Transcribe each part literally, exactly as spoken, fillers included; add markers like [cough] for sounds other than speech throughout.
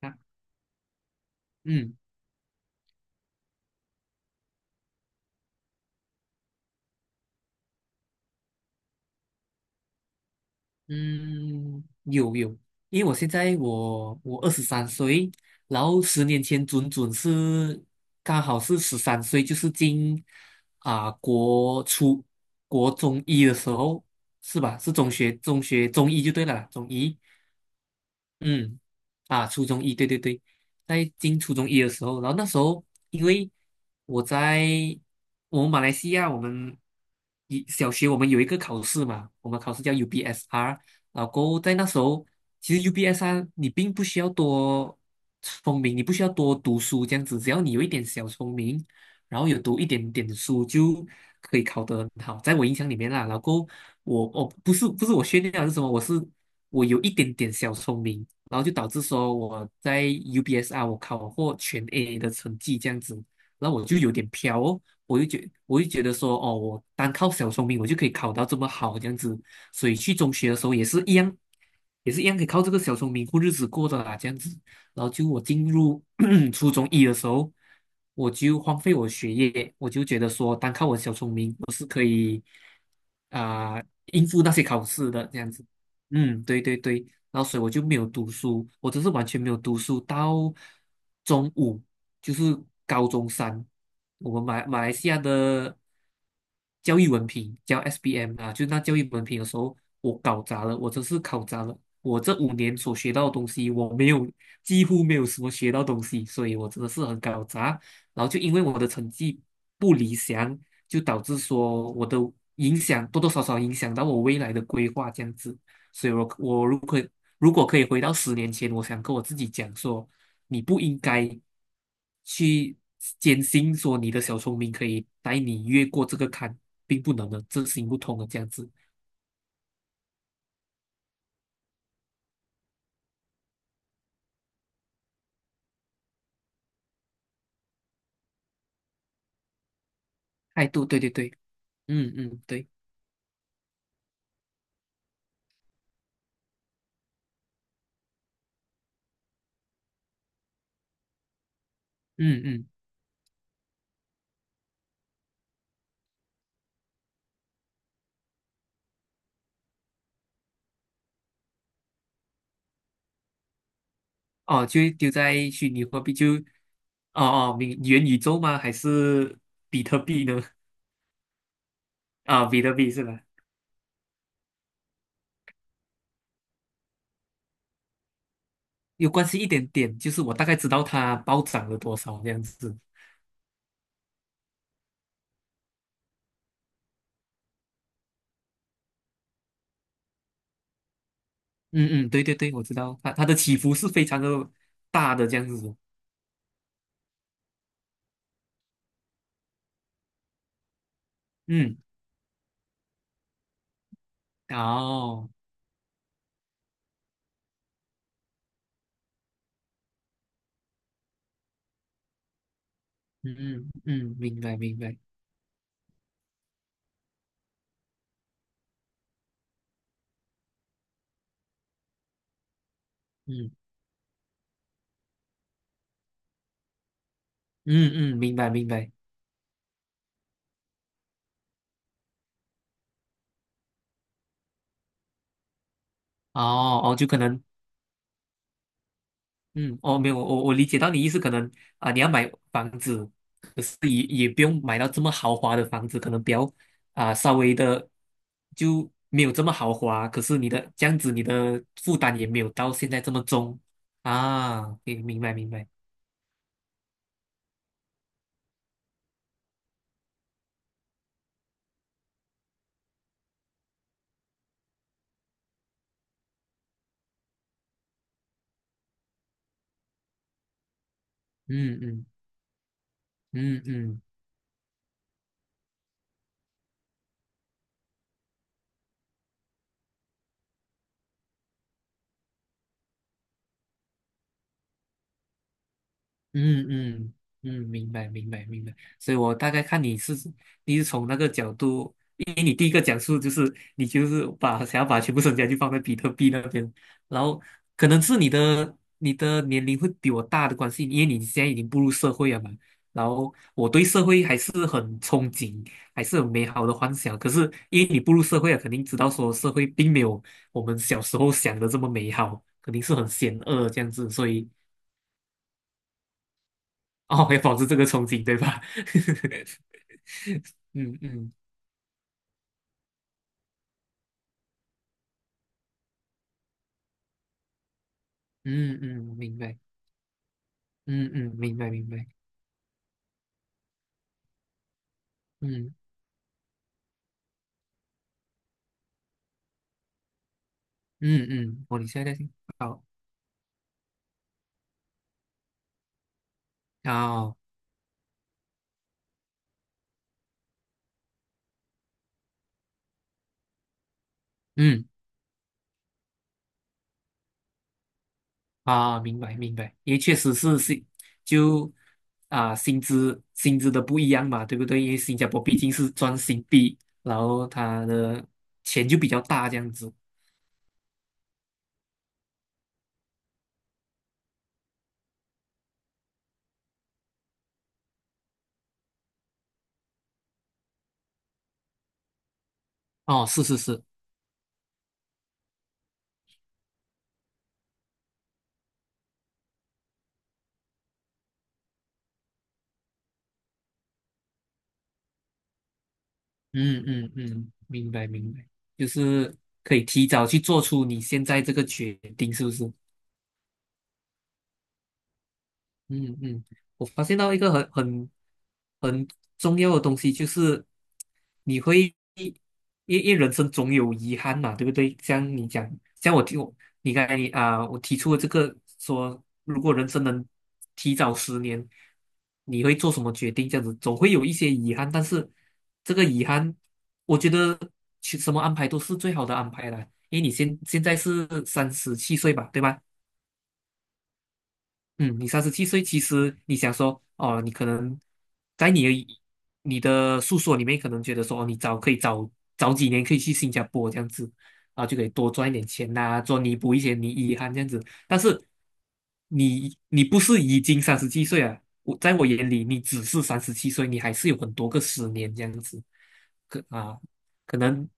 啊，嗯嗯，有有，因为我现在我我二十三岁，然后十年前准准是刚好是十三岁，就是进啊、国初国中医的时候，是吧？是中学中学中医就对了啦，中医。嗯，啊，初中一，对对对，在进初中一的时候，然后那时候因为我在我们马来西亚，我们一小学我们有一个考试嘛，我们考试叫 U B S R，然后在那时候，其实 U B S R 你并不需要多聪明，你不需要多读书这样子，只要你有一点小聪明，然后有读一点点书就可以考得很好，在我印象里面啦，老公，我我不是不是我炫耀还是什么，我是我有一点点小聪明。然后就导致说我在 U B S R 我考获全 A 的成绩这样子，然后我就有点飘哦，我就觉我就觉得说哦，我单靠小聪明我就可以考到这么好这样子，所以去中学的时候也是一样，也是一样可以靠这个小聪明过日子过的啦这样子。然后就我进入 [coughs] [clears throat] 初中一的时候，我就荒废我学业，我就觉得说单靠我小聪明我是可以。应付那些考试的这样子。嗯，对对对，然后所以我就没有读书，我真是完全没有读书到中午，就是高中三，我们马马来西亚的教育文凭叫 S B M 啊，就是那教育文凭的时候，我搞砸了，我真是搞砸了，我这五年所学到的东西，我没有几乎没有什么学到东西，所以我真的是很搞砸，然后就因为我的成绩不理想，就导致说我的影响多多少少影响到我未来的规划这样子。所以我，我如果如果可以回到十年前，我想跟我自己讲说，你不应该去坚信说你的小聪明可以带你越过这个坎，并不能的，这行不通的这样子。态度。对对对，嗯嗯对，嗯嗯，哦，就丢在虚拟货币就，哦哦，明元宇宙吗？还是比特币呢？啊，比特币是吧？有关系一点点，就是我大概知道它暴涨了多少这样子。嗯嗯，对对对，我知道它它的起伏是非常的大的这样子。嗯，哦，嗯嗯嗯，明白明白，嗯嗯嗯，明白明白。哦哦，就可能嗯，哦，没有，我我理解到你意思，可能啊，你要买房子，可是也也不用买到这么豪华的房子，可能比较啊稍微的就没有这么豪华，可是你的这样子，你的负担也没有到现在这么重啊，明明白明白，嗯嗯嗯嗯。嗯嗯嗯，明白明白明白，所以我大概看你是你是从那个角度，因为你第一个讲述就是你就是把想要把全部身家就放在比特币那边，然后可能是你的你的年龄会比我大的关系，因为你现在已经步入社会了嘛，然后我对社会还是很憧憬，还是有美好的幻想，可是因为你步入社会了，肯定知道说社会并没有我们小时候想的这么美好，肯定是很险恶这样子，所以。哦，要保持这个憧憬，对吧？[laughs] 嗯嗯嗯嗯，明白。嗯嗯，明白明白。嗯嗯嗯，哦你现在在听。好哦，嗯啊，明白明白，因为确实是薪就啊薪资薪资的不一样嘛，对不对？因为新加坡毕竟是赚新币，然后他的钱就比较大这样子。哦，是是是，嗯嗯嗯，明白明白，就是可以提早去做出你现在这个决定，是不是？嗯嗯，我发现到一个很很很重要的东西，就是你会因因为人生总有遗憾嘛，对不对？像你讲，像我听我你刚才啊、我提出了这个说，如果人生能提早十年，你会做什么决定？这样子总会有一些遗憾，但是这个遗憾，我觉得其什么安排都是最好的安排啦，因为你现现在是三十七岁吧，对吧？嗯，你三十七岁，其实你想说，哦，你可能在你的你的诉说里面，可能觉得说，哦，你早可以早早几年可以去新加坡这样子，啊，就可以多赚一点钱呐、做弥补一些你遗憾这样子。但是你你不是已经三十七岁啊？我在我眼里，你只是三十七岁，你还是有很多个十年这样子，可啊，可能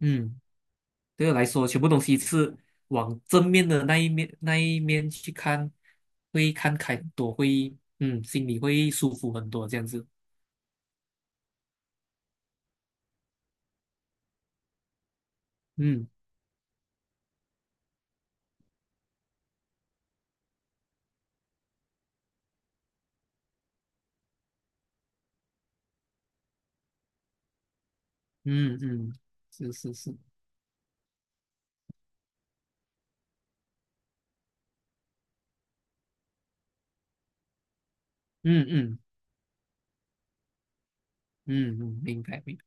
嗯。对我来说，全部东西是往正面的那一面那一面去看，会看开很多，会嗯，心里会舒服很多，这样子。嗯嗯嗯，是是是，嗯嗯嗯嗯，明白明白，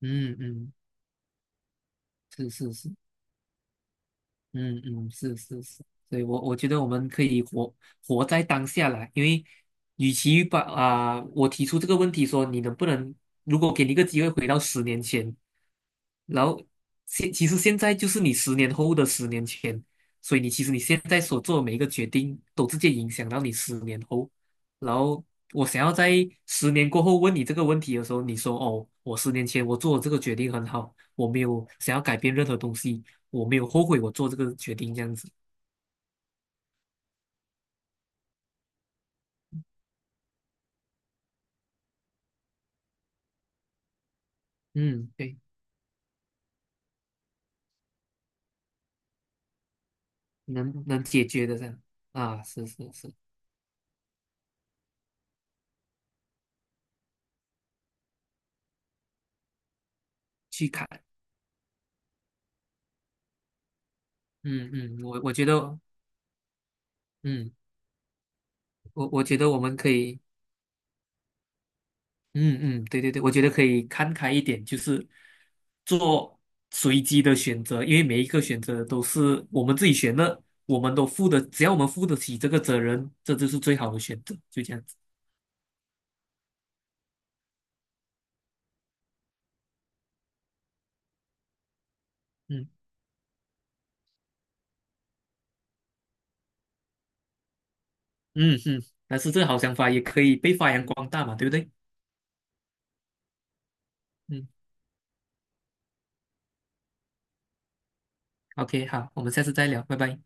嗯嗯，是是是，嗯嗯是是是，所以我我觉得我们可以活活在当下啦，因为与其把啊、我提出这个问题说你能不能，如果给你一个机会回到十年前。然后现其实现在就是你十年后的十年前，所以你其实你现在所做的每一个决定都直接影响到你十年后。然后我想要在十年过后问你这个问题的时候，你说哦，我十年前我做的这个决定很好，我没有想要改变任何东西，我没有后悔我做这个决定这样子。嗯，对，能能解决的这样啊，是是是，去看。嗯嗯，我我觉得，嗯，我我觉得我们可以。嗯嗯，对对对，我觉得可以看开一点，就是做随机的选择，因为每一个选择都是我们自己选的，我们都负的，只要我们负得起这个责任，这就是最好的选择，就这样子。嗯嗯嗯，但是这个好想法也可以被发扬光大嘛，对不对？嗯，OK，好，我们下次再聊，拜拜。